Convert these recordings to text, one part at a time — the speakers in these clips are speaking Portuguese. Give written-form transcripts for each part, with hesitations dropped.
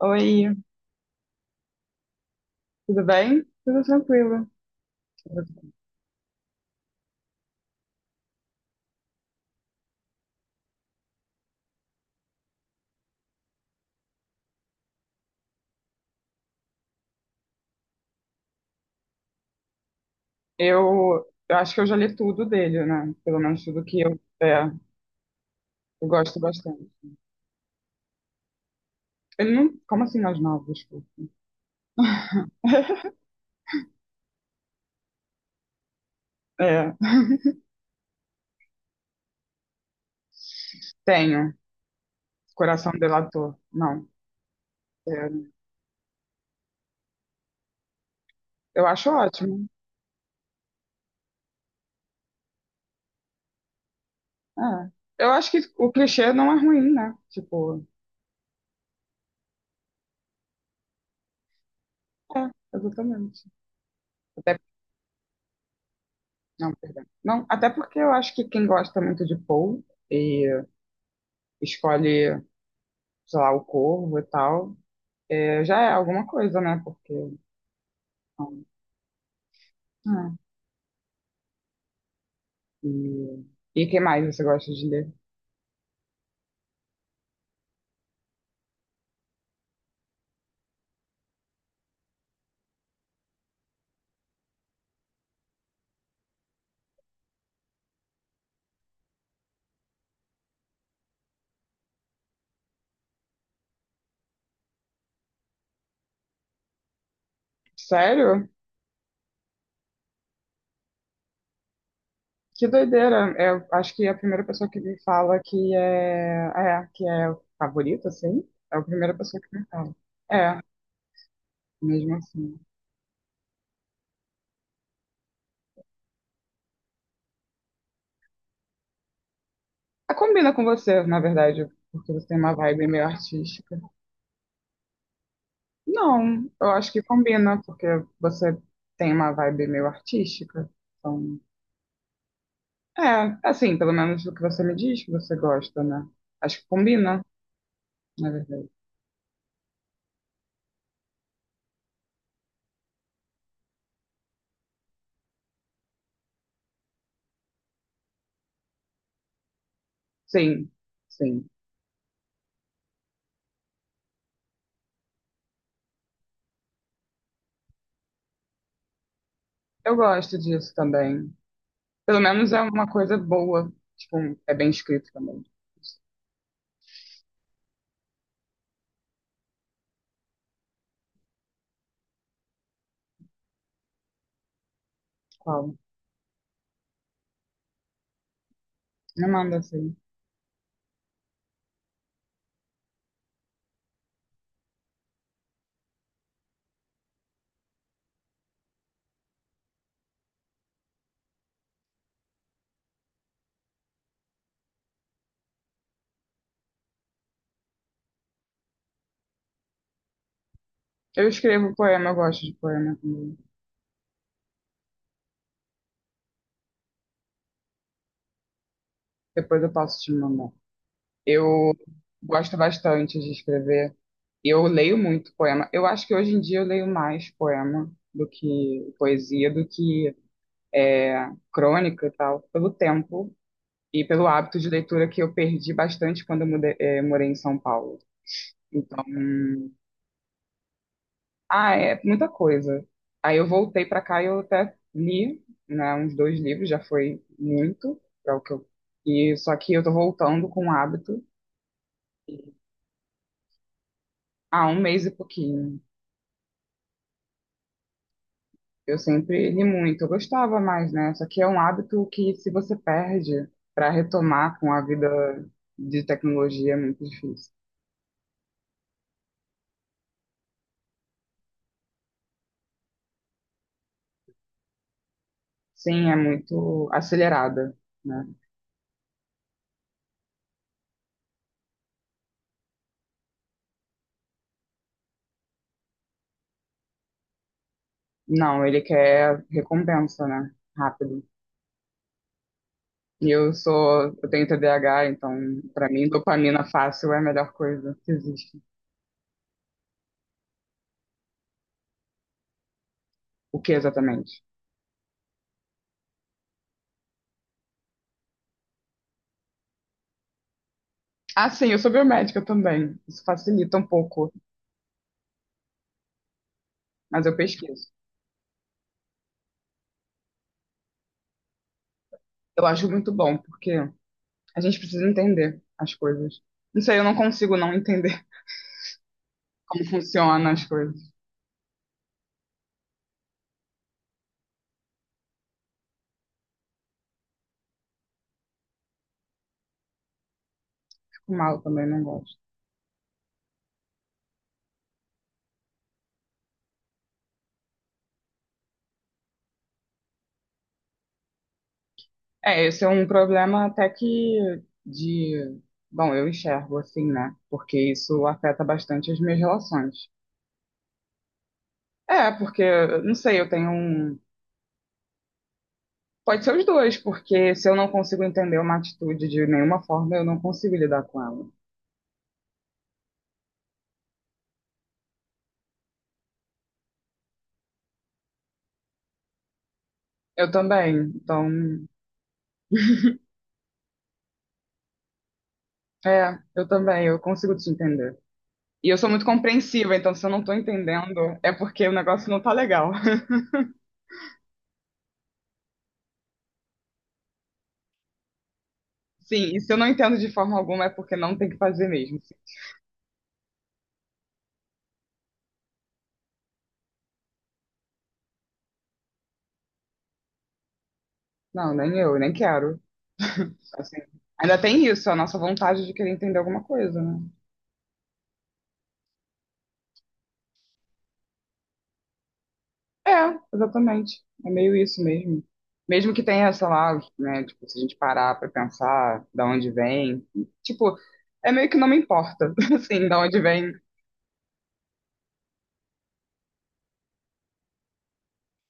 Oi, tudo bem? Tudo tranquilo. Eu acho que eu já li tudo dele, né? Pelo menos tudo que eu gosto bastante. Ele não. Como assim as novas? Desculpa. É, tenho. Coração Delator. Não. É, eu acho ótimo. É. Eu acho que o clichê não é ruim, né? Tipo, é, exatamente. Até, não, perdão. Não, até porque eu acho que quem gosta muito de Paul e escolhe, sei lá, o Corvo e tal, já é alguma coisa, né? Porque. Então, é. E, e que mais você gosta de ler? Sério? Que doideira! Eu acho que a primeira pessoa que me fala que é que é o favorito, assim, é a primeira pessoa que me fala. É, mesmo assim. Ah, combina com você, na verdade, porque você tem uma vibe meio artística. Não, eu acho que combina, porque você tem uma vibe meio artística. Então, assim, pelo menos o que você me diz que você gosta, né? Acho que combina, na verdade. Sim, sim. Eu gosto disso também. Pelo menos é uma coisa boa. Tipo, é bem escrito também. Qual? Me manda assim. Eu escrevo poema, eu gosto de poema também. Depois eu posso te mandar. Eu gosto bastante de escrever. Eu leio muito poema. Eu acho que hoje em dia eu leio mais poema do que poesia, do que crônica e tal, pelo tempo e pelo hábito de leitura que eu perdi bastante quando morei em São Paulo. Então, ah, é muita coisa. Aí eu voltei para cá e eu até li, né, uns dois livros, já foi muito para o que eu. E só que eu tô voltando com o hábito há um mês e pouquinho. Eu sempre li muito, eu gostava mais, né? Só que é um hábito que se você perde para retomar com a vida de tecnologia é muito difícil. Sim, é muito acelerada, né? Não, ele quer recompensa, né? Rápido. E eu tenho TDAH, então pra mim dopamina fácil é a melhor coisa que existe. O que exatamente? Ah, sim, eu sou biomédica também. Isso facilita um pouco, mas eu pesquiso. Eu acho muito bom, porque a gente precisa entender as coisas. Não sei, eu não consigo não entender como funcionam as coisas. Fico mal também, não gosto. É, esse é um problema até que de, bom, eu enxergo assim, né? Porque isso afeta bastante as minhas relações. É, porque, não sei, eu tenho um. Pode ser os dois, porque se eu não consigo entender uma atitude de nenhuma forma, eu não consigo lidar com ela. Eu também, então, eu também, eu consigo te entender. E eu sou muito compreensiva, então se eu não tô entendendo, é porque o negócio não tá legal. Sim, e se eu não entendo de forma alguma, é porque não tem que fazer mesmo. Não, nem eu, nem quero. Assim, ainda tem isso, a nossa vontade de querer entender alguma coisa, né? É, exatamente. É meio isso mesmo. Mesmo que tenha, sei lá, né, tipo, se a gente parar pra pensar da onde vem, tipo, é meio que não me importa, assim, da onde vem.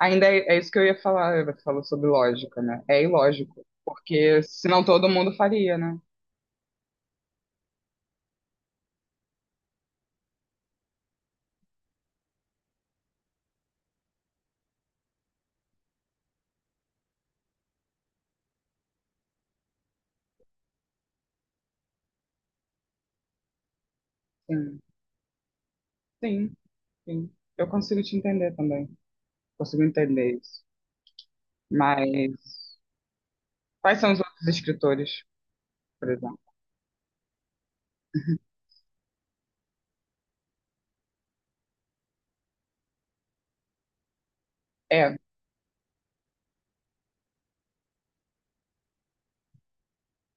Ainda é isso que eu ia falar, você falou sobre lógica, né? É ilógico, porque senão todo mundo faria, né? Sim, sim, sim. Eu consigo te entender também, consigo entender isso. Mas quais são os outros escritores, por exemplo? É,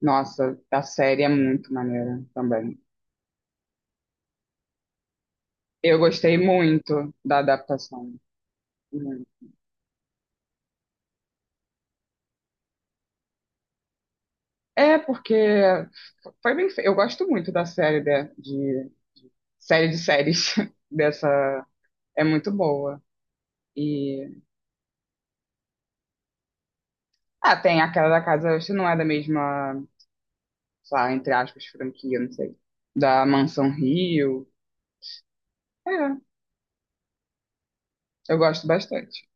nossa, a série é muito maneira também. Eu gostei muito da adaptação. Muito. É, porque foi bem feito. Eu gosto muito da série de séries dessa. É muito boa. E ah, tem aquela da casa, se não é da mesma, sei lá, entre aspas, franquia, não sei. Da Mansão Rio. É, eu gosto bastante.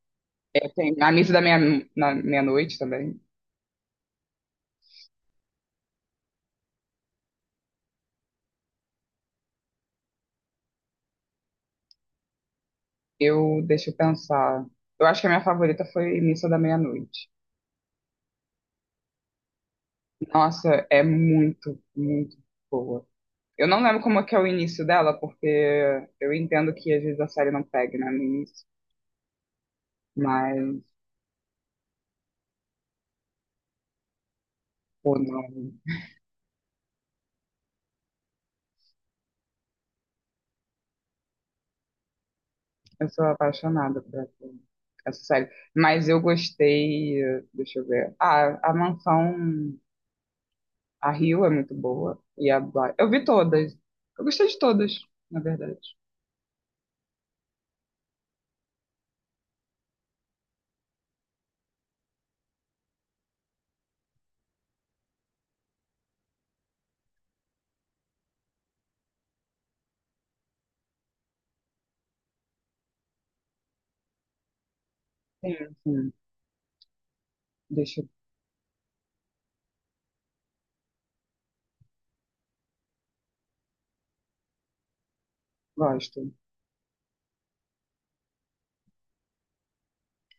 É, tem A Missa da na Meia-Noite também. Deixa eu pensar. Eu acho que a minha favorita foi Missa da Meia-Noite. Nossa, é muito, muito boa. Eu não lembro como é que é o início dela, porque eu entendo que às vezes a série não pega, né, no início. Mas, pô, não. Eu sou apaixonada por essa série. Mas eu gostei, deixa eu ver. Ah, a Mansão, a Rio é muito boa. E a Bly. Eu vi todas. Eu gostei de todas, na verdade. Sim, sim. Deixa eu. Gosto.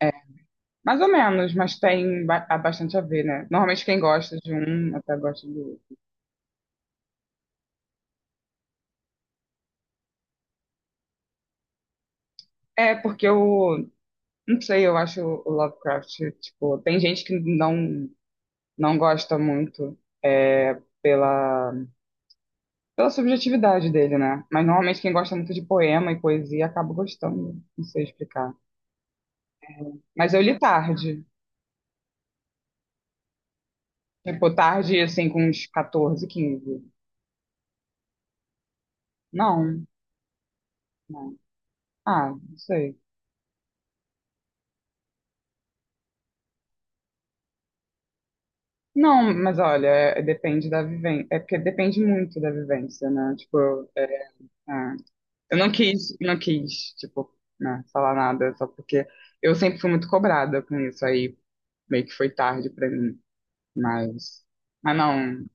É, mais ou menos, mas tem bastante a ver, né? Normalmente quem gosta de um até gosta do outro. É, porque eu não sei, eu acho o Lovecraft, tipo, tem gente que não gosta muito, é, pela, pela subjetividade dele, né? Mas normalmente quem gosta muito de poema e poesia acaba gostando, não sei explicar. Mas eu li tarde, tipo, tarde, assim, com uns 14 15. Não, não. Ah, não sei. Não, mas olha, depende da vivência. É porque depende muito da vivência, né? Tipo, é. eu não quis, tipo, né, falar nada, só porque eu sempre fui muito cobrada com isso, aí meio que foi tarde pra mim. Mas, mas não.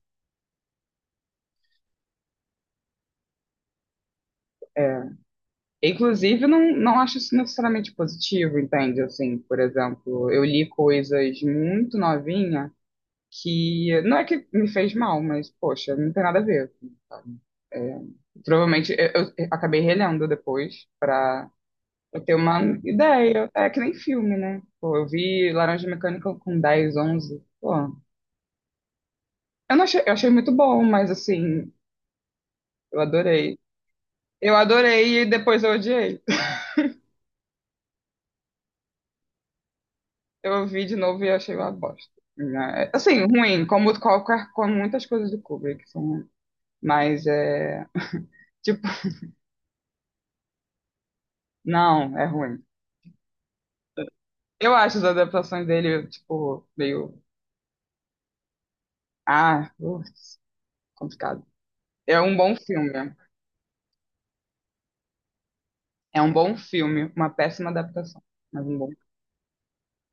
É. Inclusive, não, não acho isso necessariamente positivo, entende? Assim, por exemplo, eu li coisas muito novinha, que não é que me fez mal, mas poxa, não tem nada a ver, assim, sabe? É, provavelmente eu acabei relendo depois pra eu ter uma ideia. É que nem filme, né? Pô, eu vi Laranja Mecânica com 10, 11. Pô, eu não achei, eu achei muito bom, mas assim, eu adorei. Eu adorei e depois eu odiei. Eu vi de novo e achei uma bosta, né? Assim, ruim, como qualquer, como muitas coisas do Kubrick são, ruins. Mas é tipo, não, é ruim. Eu acho as adaptações dele, tipo, meio. Ah, ups, complicado. É um bom filme. É um bom filme. Uma péssima adaptação. Mas um bom.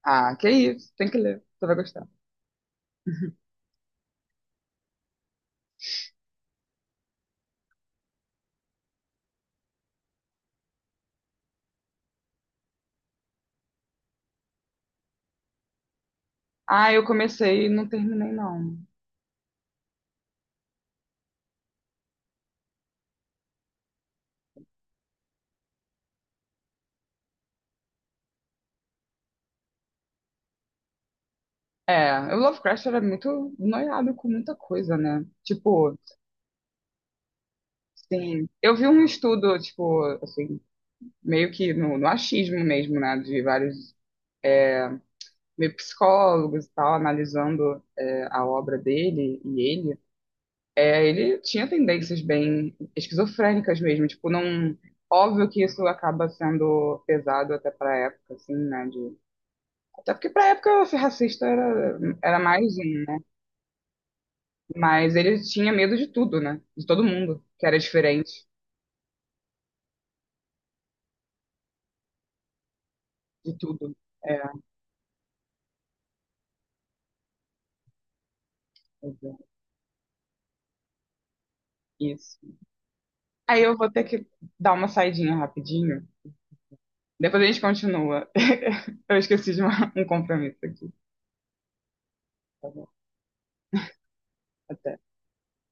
Ah, que isso. Tem que ler. Você vai gostar. Ah, eu comecei e não terminei, não. É, o Lovecraft era muito noiado com muita coisa, né? Tipo, sim. Eu vi um estudo, tipo, assim, meio que no achismo mesmo, né? De vários meio psicólogos e tal, analisando, a obra dele e ele. É, ele tinha tendências bem esquizofrênicas mesmo, tipo, não. Óbvio que isso acaba sendo pesado até pra época, assim, né? De... Até porque pra época ser racista era mais um, né? Mas ele tinha medo de tudo, né? De todo mundo, que era diferente de tudo. É, exato, isso. Aí eu vou ter que dar uma saidinha rapidinho. Depois a gente continua. Eu esqueci de um compromisso aqui. Tá bom. Até.